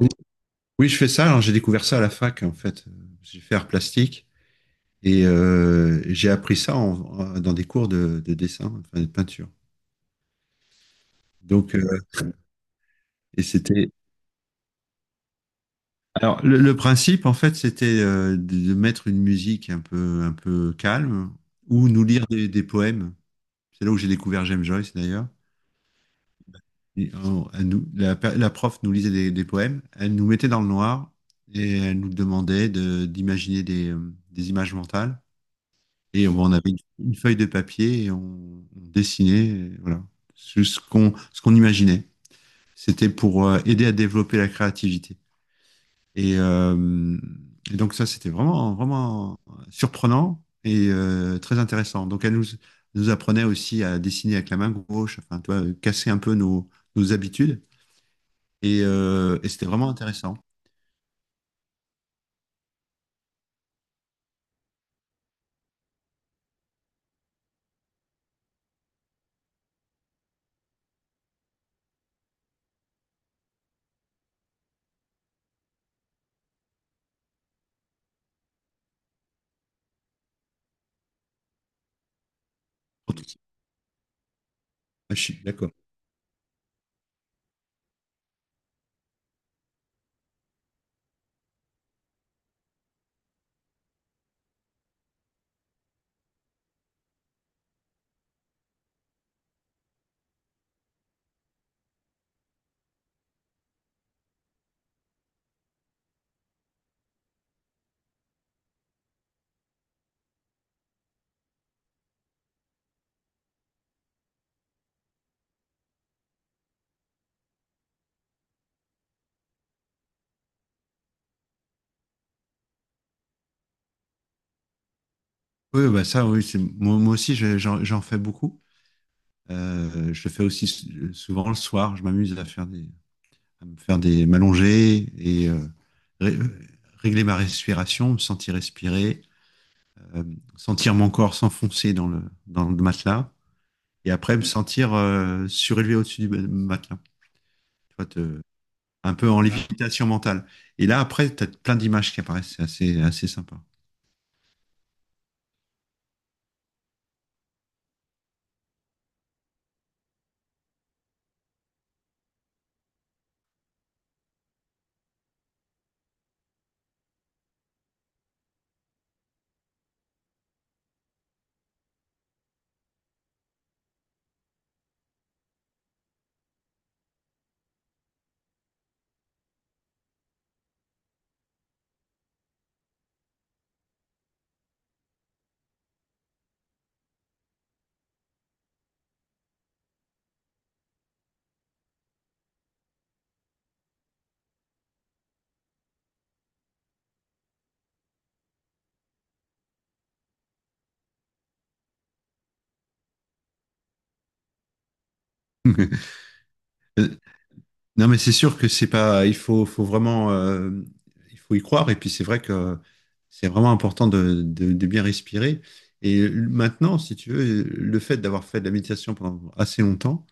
Oui, oui, je fais ça. Alors, j'ai découvert ça à la fac, en fait. J'ai fait art plastique et j'ai appris ça dans des cours de dessin, enfin de peinture. Donc, et c'était. Alors, le principe, en fait, c'était de mettre une musique un peu calme ou nous lire des poèmes. C'est là où j'ai découvert James Joyce, d'ailleurs. Et, la prof nous lisait des poèmes. Elle nous mettait dans le noir et elle nous demandait d'imaginer des images mentales. Et on, avait une feuille de papier et on dessinait, et voilà, ce qu'on imaginait. C'était pour aider à développer la créativité. Et, euh, et donc ça, c'était vraiment vraiment surprenant et très intéressant. Donc elle nous apprenait aussi à dessiner avec la main gauche, enfin, tu vois, casser un peu nos habitudes. Et c'était vraiment intéressant. Ah, je suis d'accord. Oui, bah ça, oui, moi, moi aussi, j'en fais beaucoup. Je fais aussi souvent le soir, je m'amuse à me faire des m'allonger et ré- régler ma respiration, me sentir respirer, euh, sentir mon corps s'enfoncer dans le matelas et après me sentir surélevé au-dessus matelas. Tu vois, un peu en lévitation mentale. Et là, après, tu as plein d'images qui apparaissent. C'est assez, assez sympa. Non, mais c'est sûr que c'est pas. Il faut vraiment, il faut y croire. Et puis c'est vrai que c'est vraiment important de bien respirer. Et maintenant, si tu veux, le fait d'avoir fait de la méditation pendant assez longtemps,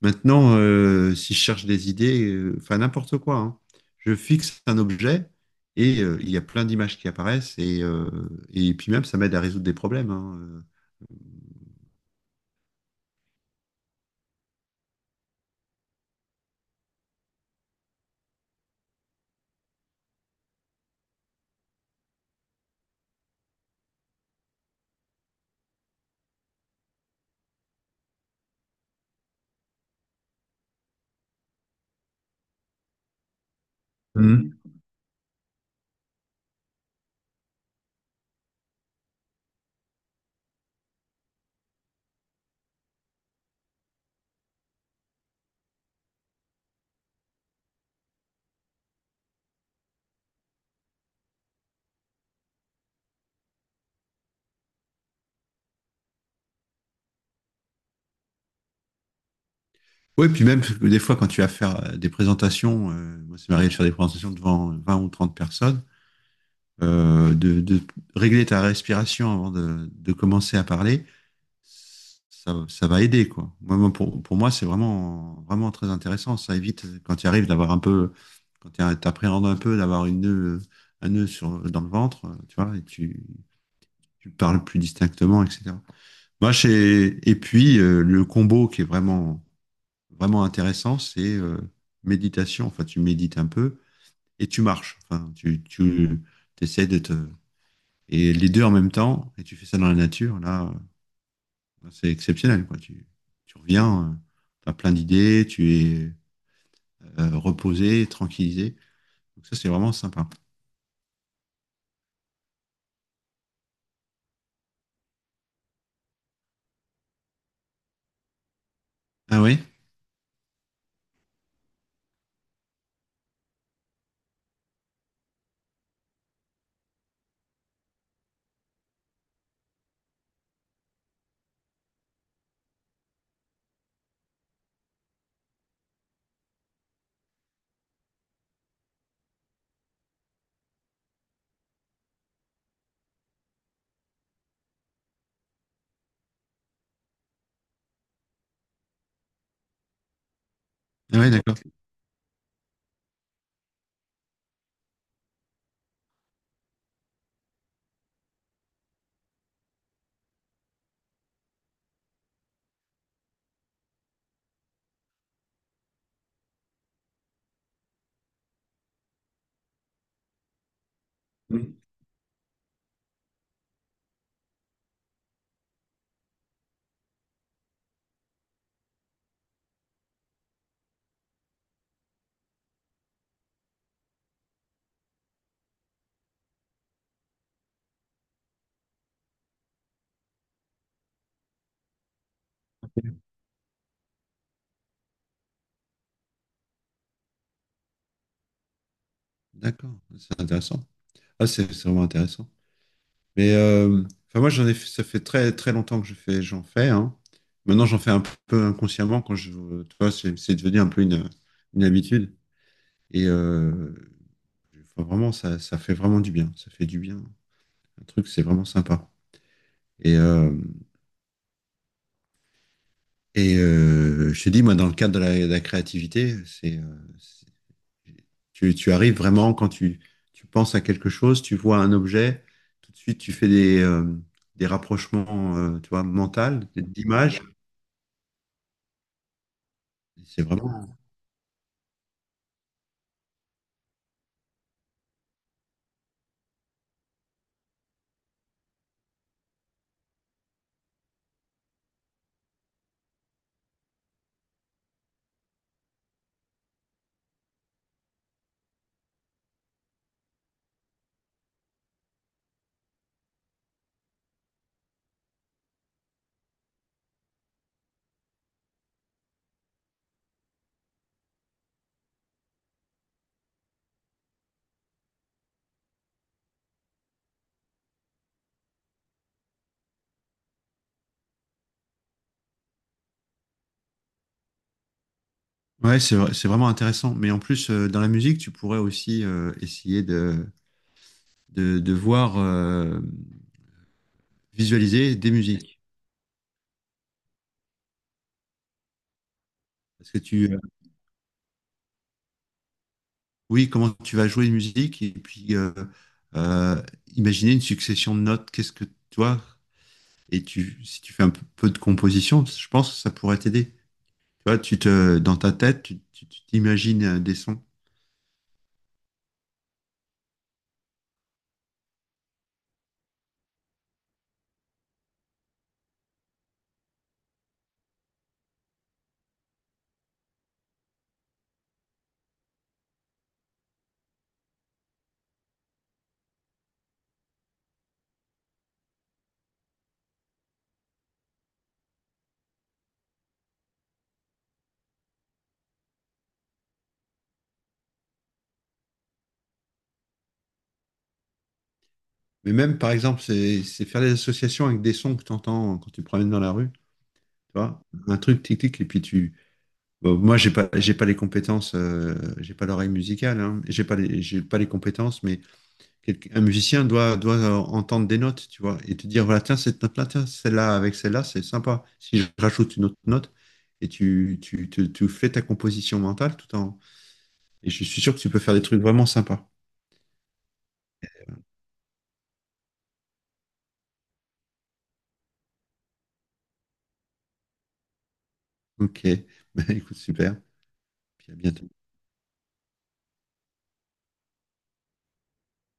maintenant, si je cherche des idées, enfin n'importe quoi, hein, je fixe un objet et il y a plein d'images qui apparaissent. Et puis même, ça m'aide à résoudre des problèmes, hein. Mhm. Oui, puis même, des fois, quand tu vas faire des présentations, moi, c'est m'arrive de faire des présentations devant 20 ou 30 personnes. euh, de, de, Régler ta respiration avant de commencer à parler, ça va aider, quoi. Moi, pour moi, c'est vraiment, vraiment très intéressant. Ça évite, quand tu arrives d'avoir un peu, quand tu appréhendes un peu d'avoir une nœud, un nœud sur, dans le ventre, tu vois, et tu parles plus distinctement, etc. Moi, j'ai, et puis, le combo qui est vraiment, vraiment intéressant, c'est méditation. Enfin, tu médites un peu et tu marches. Enfin, tu essaies de te et les deux en même temps, et tu fais ça dans la nature, là, c'est exceptionnel, quoi. Tu reviens, tu as plein d'idées, tu es reposé, tranquillisé. Donc ça, c'est vraiment sympa. Ah oui? Ah ouais, d'accord. D'accord. C'est intéressant. Ah, c'est vraiment intéressant. Mais enfin, moi, j'en ai, ça fait très, très longtemps que je fais, j'en fais, hein. Maintenant, j'en fais un peu inconsciemment quand je, tu vois, c'est devenu un peu une, habitude. Et enfin, vraiment, ça fait vraiment du bien. Ça fait du bien. Un truc, c'est vraiment sympa. Et, euh, et je te dis, moi, dans le cadre de la créativité, c'est, tu arrives vraiment quand tu penses à quelque chose, tu vois un objet, tout de suite, tu fais des rapprochements, tu vois, mentales, d'images. C'est vraiment, ouais, c'est vraiment intéressant. Mais en plus, dans la musique, tu pourrais aussi essayer de voir, visualiser des musiques. Parce que oui, comment tu vas jouer une musique et puis euh, imaginer une succession de notes. Qu'est-ce que tu vois? Et si tu fais un peu de composition, je pense que ça pourrait t'aider. Tu vois, dans ta tête, tu t'imagines des sons. Mais même, par exemple, c'est faire des associations avec des sons que tu entends quand tu te promènes dans la rue. Tu vois, un truc tic-tic, et puis tu. Bon, moi, j'ai pas les compétences, j'ai pas l'oreille musicale, hein, j'ai pas les compétences, mais un musicien doit entendre des notes, tu vois, et te dire, voilà, tiens, cette note-là, tiens, celle-là, avec celle-là, c'est sympa. Si je rajoute une autre note, et tu fais ta composition mentale tout en. Et je suis sûr que tu peux faire des trucs vraiment sympas. Ok, bah, écoute, super. Puis à bientôt.